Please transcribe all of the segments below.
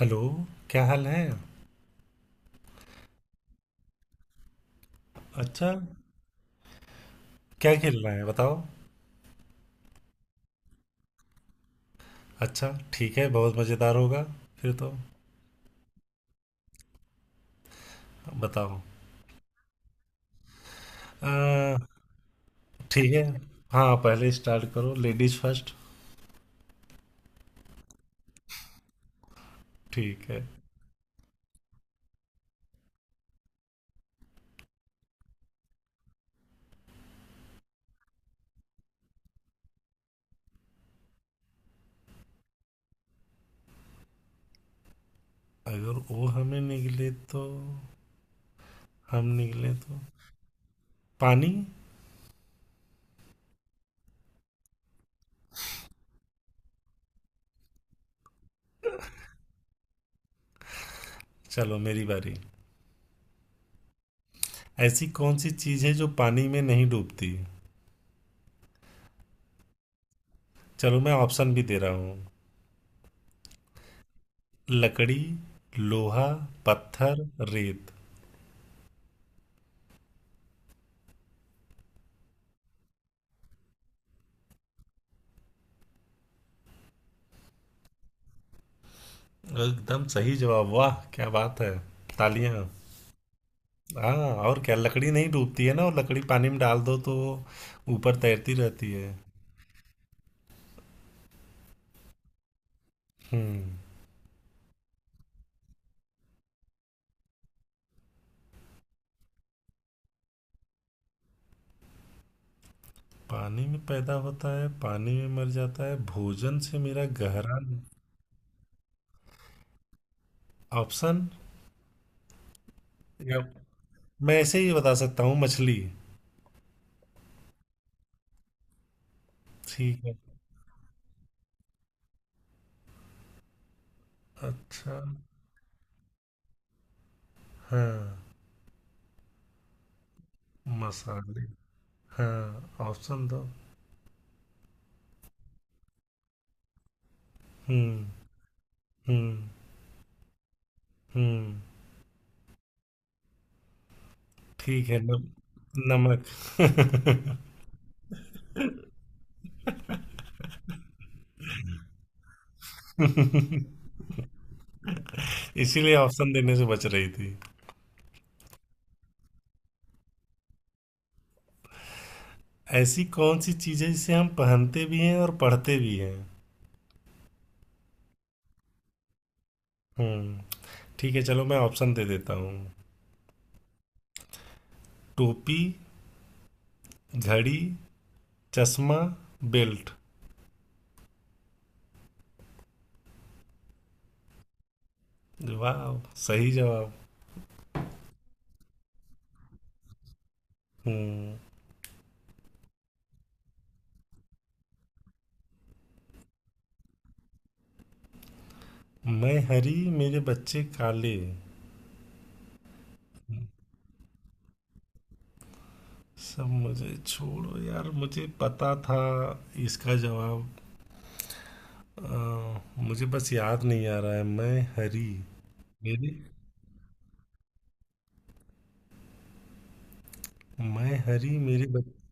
Hello. क्या हाल है। अच्छा। क्या खेलना है बताओ। अच्छा ठीक है, बहुत मज़ेदार होगा फिर तो। बताओ। आ, ठीक है। हाँ पहले स्टार्ट करो, लेडीज फर्स्ट। ठीक है। अगर वो हमें निकले तो हम निकले तो पानी। चलो मेरी बारी। ऐसी कौन सी चीज़ है जो पानी में नहीं डूबती? चलो मैं ऑप्शन भी दे रहा हूँ। लकड़ी, लोहा, पत्थर, रेत। एकदम सही जवाब, वाह क्या बात है, तालियां। हाँ। और क्या लकड़ी नहीं डूबती है ना, और लकड़ी पानी में डाल दो तो वो ऊपर तैरती रहती है। हम्म। पानी में पैदा होता है, पानी में मर जाता है, भोजन से मेरा गहरा। ऑप्शन। या मैं ऐसे ही बता सकता हूँ, मछली। ठीक है। अच्छा। हाँ, मसाले। हाँ ऑप्शन दो। हम्म। हम्म। हम्म। ठीक है। नमक। इसीलिए ऑप्शन देने से बच रही थी। ऐसी कौन सी चीजें जिसे हम पहनते भी हैं और पढ़ते भी हैं? हम्म। ठीक है, चलो मैं ऑप्शन दे देता हूँ। टोपी, घड़ी, चश्मा, बेल्ट। वाह सही जवाब। हम्म। मैं हरी, मेरे बच्चे काले, सब मुझे छोड़ो यार, मुझे पता था इसका जवाब। अ, मुझे बस याद नहीं आ रहा है। मेरे मैं हरी मेरे बच्चे,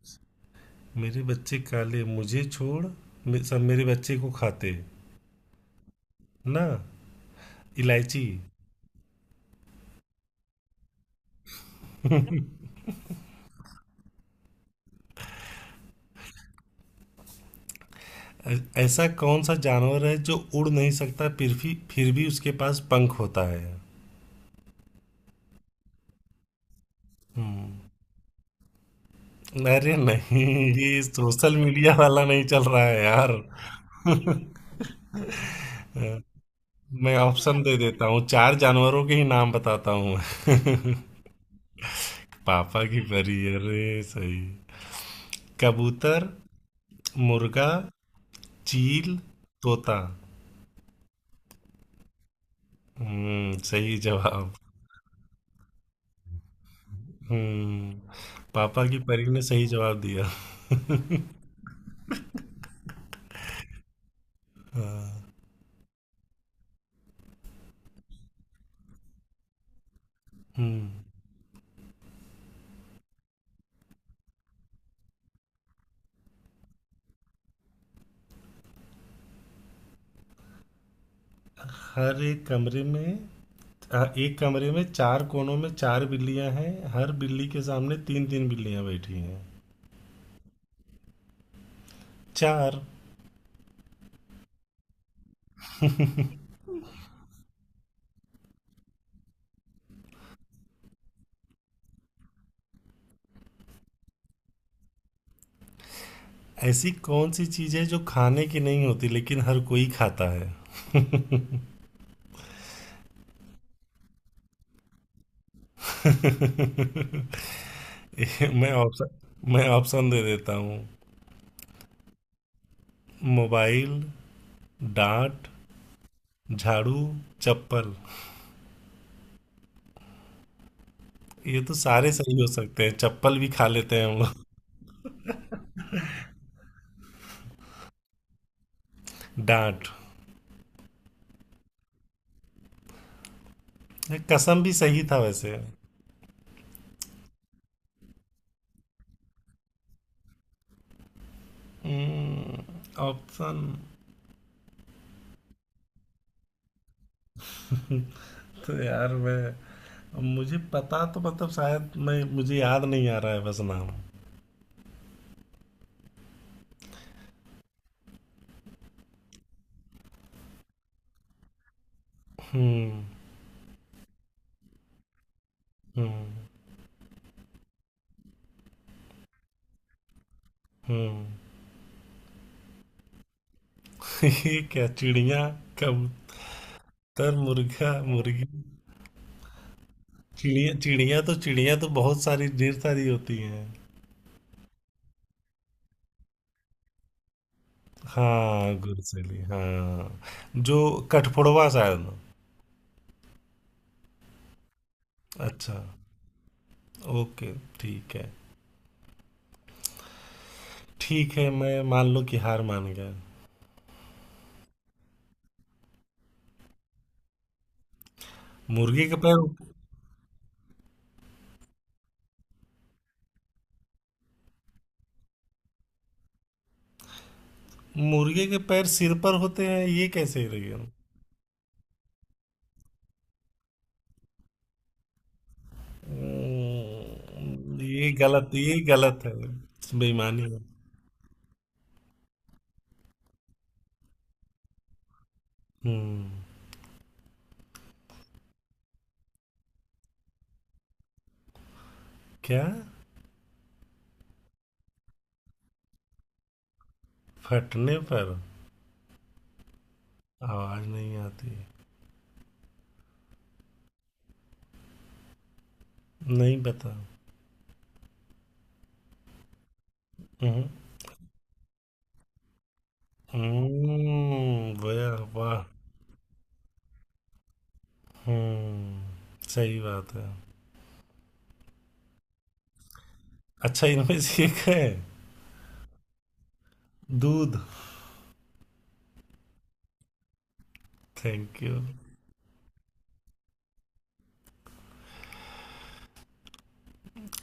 मेरे बच्चे काले, मुझे छोड़, सब मेरे बच्चे को खाते ना। इलायची। ऐ- ऐसा कौन सा जानवर है जो उड़ नहीं सकता, फिर भी उसके पास पंख होता है? अरे नहीं, ये सोशल मीडिया वाला नहीं चल रहा है यार। मैं ऑप्शन दे देता हूँ, चार जानवरों के ही नाम बताता हूँ। पापा की परी, अरे सही। कबूतर, मुर्गा, चील, तोता। सही जवाब। हम्म। पापा की परी ने सही जवाब दिया। हम्म। हर एक कमरे में एक कमरे में चार कोनों में चार बिल्लियां हैं, हर बिल्ली के सामने तीन तीन बिल्लियां बैठी हैं। चार। ऐसी कौन सी चीज है जो खाने की नहीं होती लेकिन हर कोई खाता है? ये मैं ऑप्शन दे देता हूँ। मोबाइल, डांट, झाड़ू, चप्पल। ये तो सारे सही हो सकते हैं, चप्पल भी खा लेते हैं हम लोग। डांट। ये कसम भी सही था वैसे। ऑप्शन। तो यार मैं, मुझे पता, तो मतलब शायद मैं, मुझे याद नहीं आ रहा है बस नाम। हम्म। हम्म। हम्म। ये क्या, चिड़िया, कबूतर, मुर्गा, मुर्गी, चिड़िया। चिड़िया तो बहुत सारी ढेर सारी होती हैं। हाँ गुरसैली, हाँ जो कठफोड़वा शायद। अच्छा, ओके। ठीक है। ठीक है, मैं मान लो कि हार मान गया। मुर्गी के पैर, मुर्गे के पैर सिर पर होते हैं, ये कैसे रही है? ये गलत, ये गलत है, बेईमानी है। हम्म। क्या? फटने पर आवाज नहीं आती? नहीं बता। हम्म। वाह वाह। सही बात है। अच्छा, इनमें से एक है। दूध। Thank you.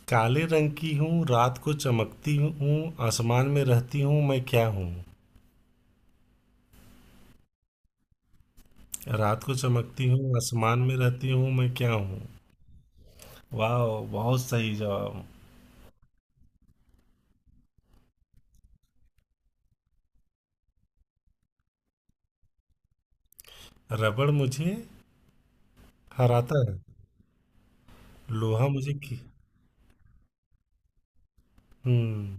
काले रंग की हूँ, रात को चमकती हूँ, आसमान में रहती हूँ, मैं क्या हूँ? रात को चमकती हूँ, आसमान में रहती हूँ, मैं क्या हूँ? वाह, बहुत सही जवाब। रबड़ मुझे हराता है, लोहा मुझे खी। हम्म।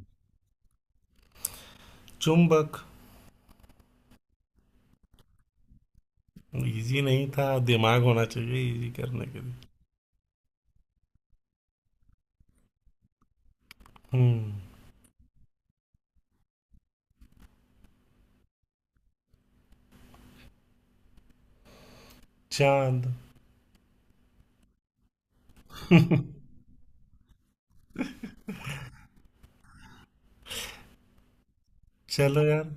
चुंबक। इजी नहीं था, दिमाग होना चाहिए इजी करने के लिए। हम्म। चांद। चलो यार।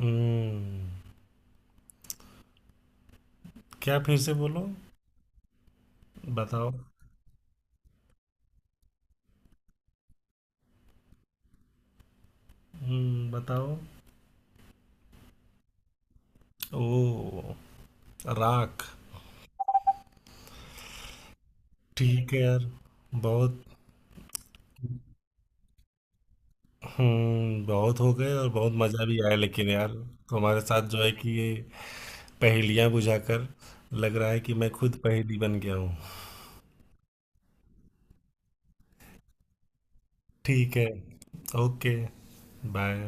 हम्म। क्या, फिर से बोलो। बताओ। बताओ। ओ। राख। ठीक है यार, बहुत। हम्म, बहुत हो गए और बहुत मज़ा भी आया, लेकिन यार तुम्हारे साथ जो है कि ये पहेलियाँ बुझाकर लग रहा है कि मैं खुद पहेली बन गया हूँ। ठीक है। Okay, bye.